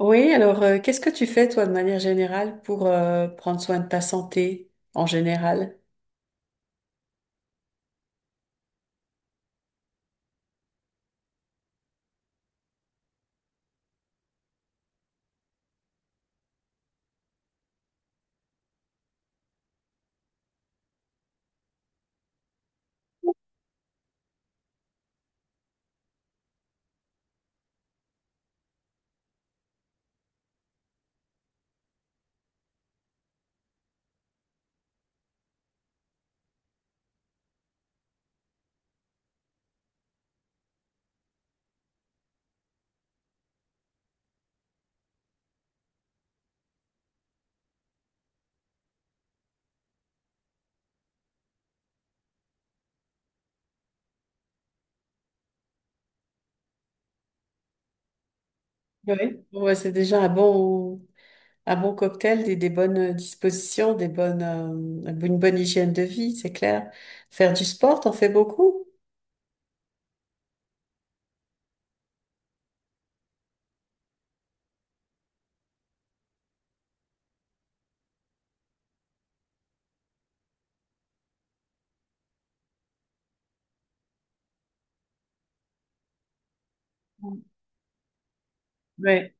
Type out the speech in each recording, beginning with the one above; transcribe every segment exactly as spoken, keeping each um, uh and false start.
Oui, alors euh, qu'est-ce que tu fais toi de manière générale pour euh, prendre soin de ta santé en général? Oui. Ouais, c'est déjà un bon, un bon cocktail, des, des bonnes euh, dispositions, des bonnes, euh, une bonne hygiène de vie, c'est clair. Faire du sport, t'en fais beaucoup? Oui. Ouais,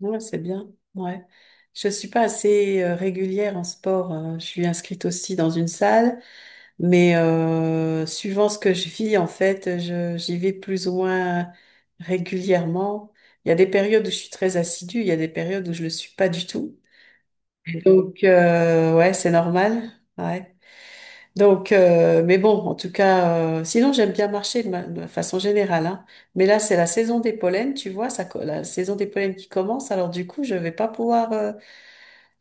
Ouais, c'est bien. Ouais. Je suis pas assez euh, régulière en sport. euh, Je suis inscrite aussi dans une salle. Mais euh, suivant ce que je vis, en fait, je, j'y vais plus ou moins régulièrement. Il y a des périodes où je suis très assidue, il y a des périodes où je le suis pas du tout. Donc, euh, ouais, c'est normal. Ouais. Donc, euh, mais bon, en tout cas, euh, sinon j'aime bien marcher de, ma- de façon générale, hein. Mais là, c'est la saison des pollens, tu vois, ça, co- la saison des pollens qui commence. Alors du coup, je vais pas pouvoir euh,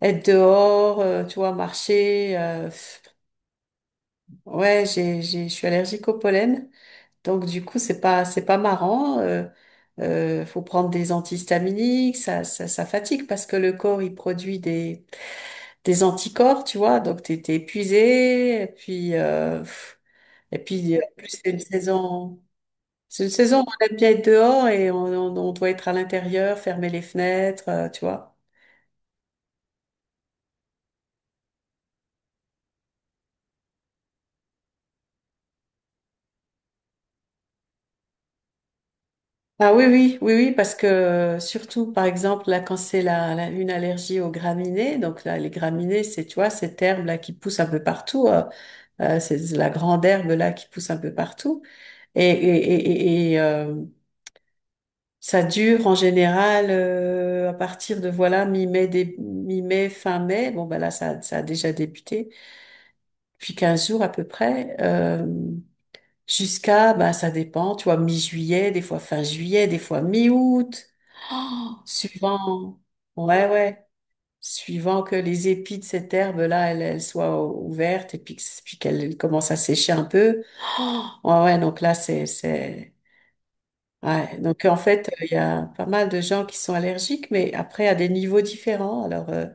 être dehors, euh, tu vois, marcher. Euh, pff. ouais, j'ai, j'ai, je suis allergique au pollen. Donc du coup, c'est pas c'est pas marrant. Euh, euh, faut prendre des antihistaminiques, ça, ça ça fatigue parce que le corps il produit des des anticorps, tu vois. Donc t'es t'es épuisé, et puis euh, pff, et puis euh, en plus c'est une saison c'est une saison où on aime bien être dehors et on, on, on doit être à l'intérieur, fermer les fenêtres, euh, tu vois. Ah oui oui oui oui parce que euh, surtout par exemple là quand c'est la, la- une allergie aux graminées, donc là les graminées c'est tu vois cette herbe là qui pousse un peu partout. Euh, Euh, c'est la grande herbe là qui pousse un peu partout. Et, et, et, et- et, euh, ça dure en général euh, à partir de voilà mi-mai, dé- mi-mai, fin mai. Bon ben là ça, ça a déjà débuté. Puis quinze jours à peu près euh, jusqu'à ben ça dépend. Tu vois mi-juillet, des fois fin juillet, des fois mi-août, suivant. Ouais ouais. suivant que les épis de cette herbe-là, elles, elles soient ou- ouvertes et puis, que- puis qu'elles commencent à sécher un peu. Oh, ouais, ouais, donc là, c'est, c'est, ouais. Donc, en fait, il y a pas mal de gens qui sont allergiques, mais après, à des niveaux différents. Alors, euh,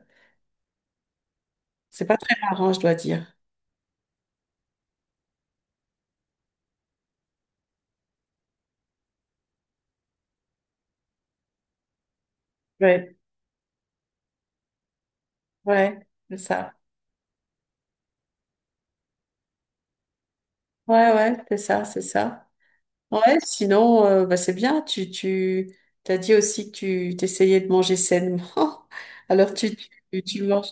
c'est pas très marrant, je dois dire. Ouais, ouais, c'est ça. Ouais, ouais, c'est ça, c'est ça. Ouais, sinon, euh, bah, c'est bien. Tu, tu, t'as dit aussi que tu t'essayais de manger sainement. Alors, tu, tu, tu manges.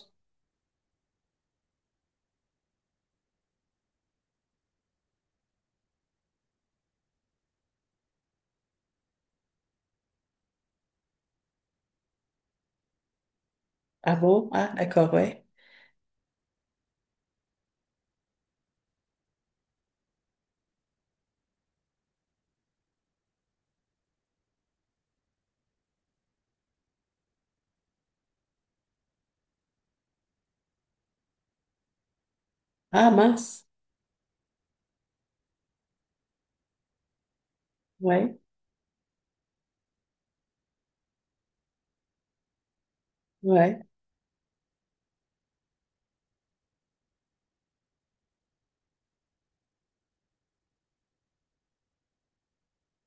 Ah bon? Ah, d'accord, ouais. Ah, mince. Ouais, ouais.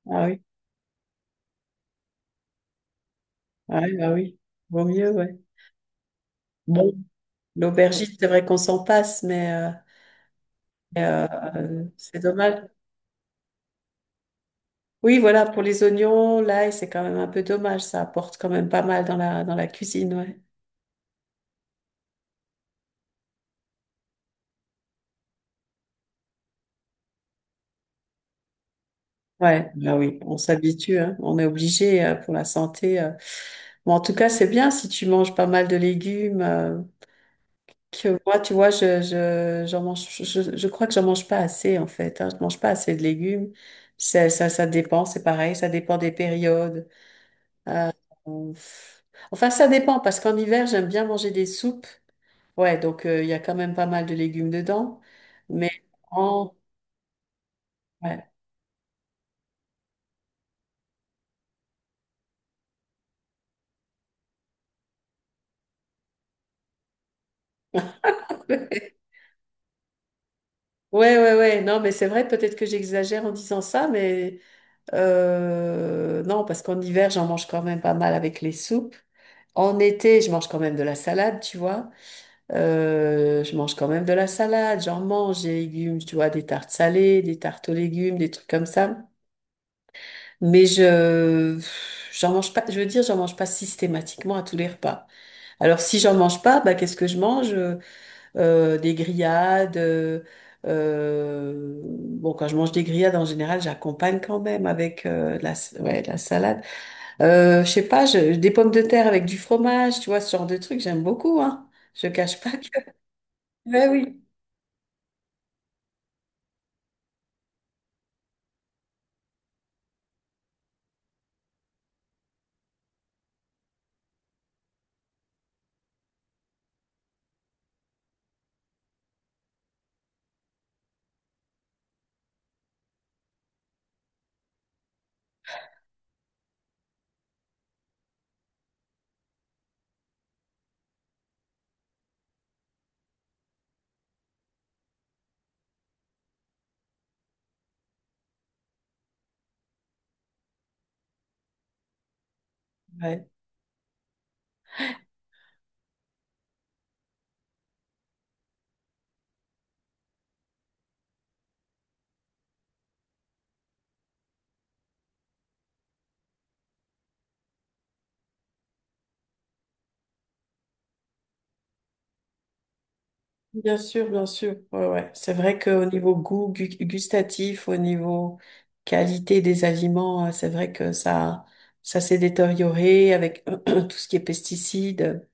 Ah oui, ouais, ah oui. Vaut mieux, ouais. Bon, l'aubergine, c'est vrai qu'on s'en passe, mais euh, mais, euh, euh, c'est dommage. Oui, voilà, pour les oignons, l'ail, c'est quand même un peu dommage. Ça apporte quand même pas mal dans la, dans la cuisine, ouais. Ouais, bah oui, on s'habitue, hein. On est obligé euh, pour la santé. euh. Bon, en tout cas, c'est bien si tu manges pas mal de légumes. euh, que moi, tu vois, je, je, j'en mange, je, je crois que j'en mange pas assez, en fait, hein. Je mange pas assez de légumes. Ça, ça, ça dépend, c'est pareil, ça dépend des périodes. Euh, pff. Enfin, ça dépend, parce qu'en hiver, j'aime bien manger des soupes. Ouais, donc euh, il y a quand même pas mal de légumes dedans. Mais en... Ouais. Ouais, ouais, ouais. Non, mais c'est vrai, peut-être que j'exagère en disant ça, mais euh, non, parce qu'en hiver, j'en mange quand même pas mal avec les soupes. En été, je mange quand même de la salade, tu vois. Euh, je mange quand même de la salade, j'en mange des légumes, tu vois, des tartes salées, des tartes aux légumes, des trucs comme ça. Mais je, j'en mange pas, je veux dire, j'en mange pas systématiquement à tous les repas. Alors, si j'en mange pas, bah, qu'est-ce que je mange? Euh, des grillades, euh, euh, bon, quand je mange des grillades, en général, j'accompagne quand même avec euh, de la, s- ouais, de la salade. Euh, je sais pas, je- des pommes de terre avec du fromage, tu vois, ce genre de trucs, j'aime beaucoup, hein. Je cache pas que, ouais, oui. Ouais. Bien sûr, bien sûr. Ouais, ouais. C'est vrai qu'au niveau goût gu- gustatif, au niveau qualité des aliments, euh, c'est vrai que ça, ça s'est détérioré avec tout ce qui est pesticides,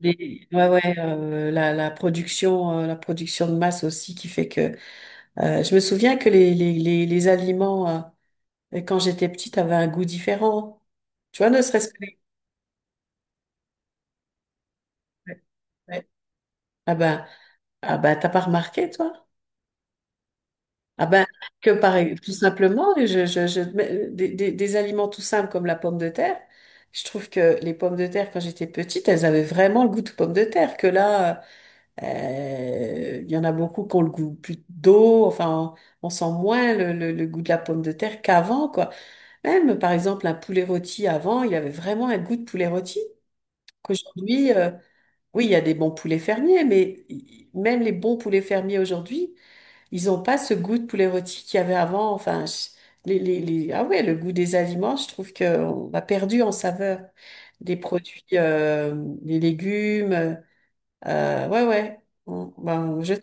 les, ouais, ouais, euh, la, la production, euh, la production de masse aussi qui fait que, euh, je me souviens que les, les, les, les aliments, euh, quand j'étais petite, avaient un goût différent. Tu vois, ne serait-ce que les- ouais, ouais. Ah ben, ah ben, t'as pas remarqué, toi? Ah ben, que pareil, tout simplement, je, je, je, mais, des, des, des aliments tout simples comme la pomme de terre. Je trouve que les pommes de terre, quand j'étais petite, elles avaient vraiment le goût de pommes de terre. Que là, euh, il y en a beaucoup qui ont le goût plus d'eau. Enfin, on sent moins le, le, le goût de la pomme de terre qu'avant, quoi. Même, par exemple, un poulet rôti avant, il avait vraiment un goût de poulet rôti. Qu'aujourd'hui, euh, oui, il y a des bons poulets fermiers, mais i- même les bons poulets fermiers aujourd'hui, ils ont pas ce goût de poulet rôti qu'il y avait avant. Enfin, je- les, les, les- ah ouais, le goût des aliments, je trouve qu'on a perdu en saveur des produits, euh, des légumes. Euh, ouais, ouais. Mm, ben, je,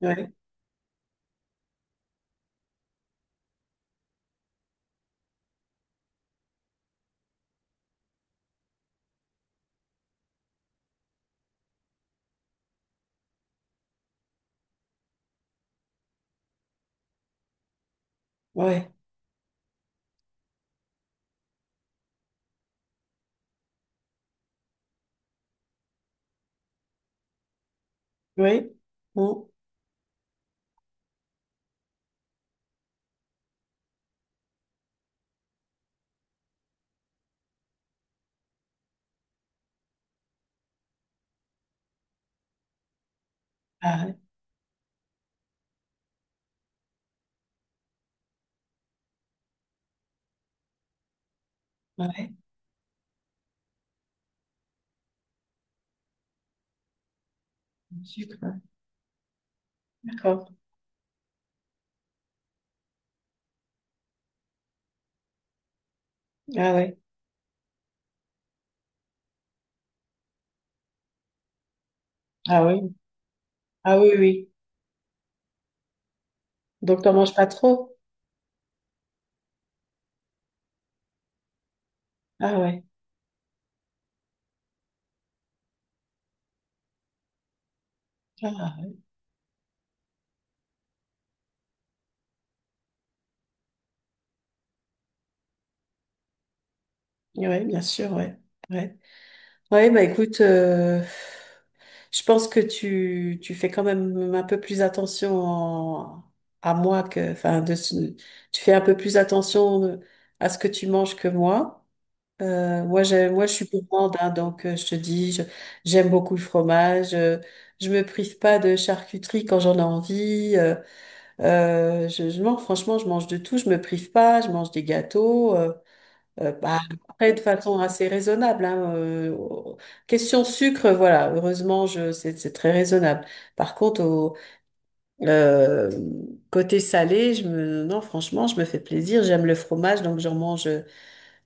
ouais, ouais, ouais. Mm. Ah ouais, ah ouais. Sucre, ouais. D'accord. Ah ouais. Ah oui. Ah oui, oui. Donc, t'en manges pas trop? Ah ouais. Ah ouais. Ouais, bien sûr, ouais. Ouais. Ouais, bah écoute. euh, Je pense que tu, tu fais quand même un peu plus attention en- à moi que, enfin, de, ce- tu fais un peu plus attention à ce que tu manges que moi. Euh, moi, j'ai, moi, je suis gourmande, hein, donc euh, je te dis, je- j'aime beaucoup le fromage. Euh, je me prive pas de charcuterie quand j'en ai envie. Euh, euh, je, je mange, franchement, je mange de tout. Je me prive pas. Je mange des gâteaux. Euh, euh, bah, après, de façon assez raisonnable, hein. Euh, question sucre, voilà, heureusement, je, c'est, c'est très raisonnable. Par contre, au euh, côté salé, je me, non, franchement, je me fais plaisir. J'aime le fromage, donc j'en mange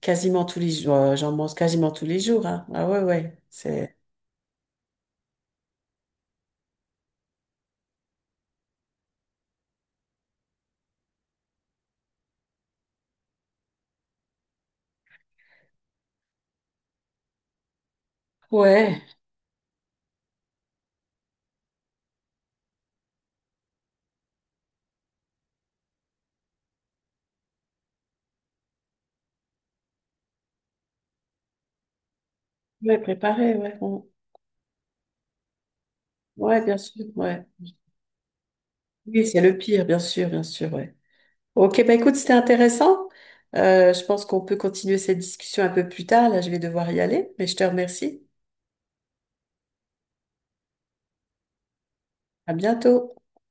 quasiment tous les jours. euh, J'en mange quasiment tous les jours, hein. Ah ouais, ouais, c'est ouais, ouais, préparé, ouais, on- ouais, bien sûr, ouais. Oui, c'est le pire, bien sûr, bien sûr, ouais. Ok, bah écoute, c'était intéressant. Euh, je pense qu'on peut continuer cette discussion un peu plus tard. Là, je vais devoir y aller, mais je te remercie. À bientôt.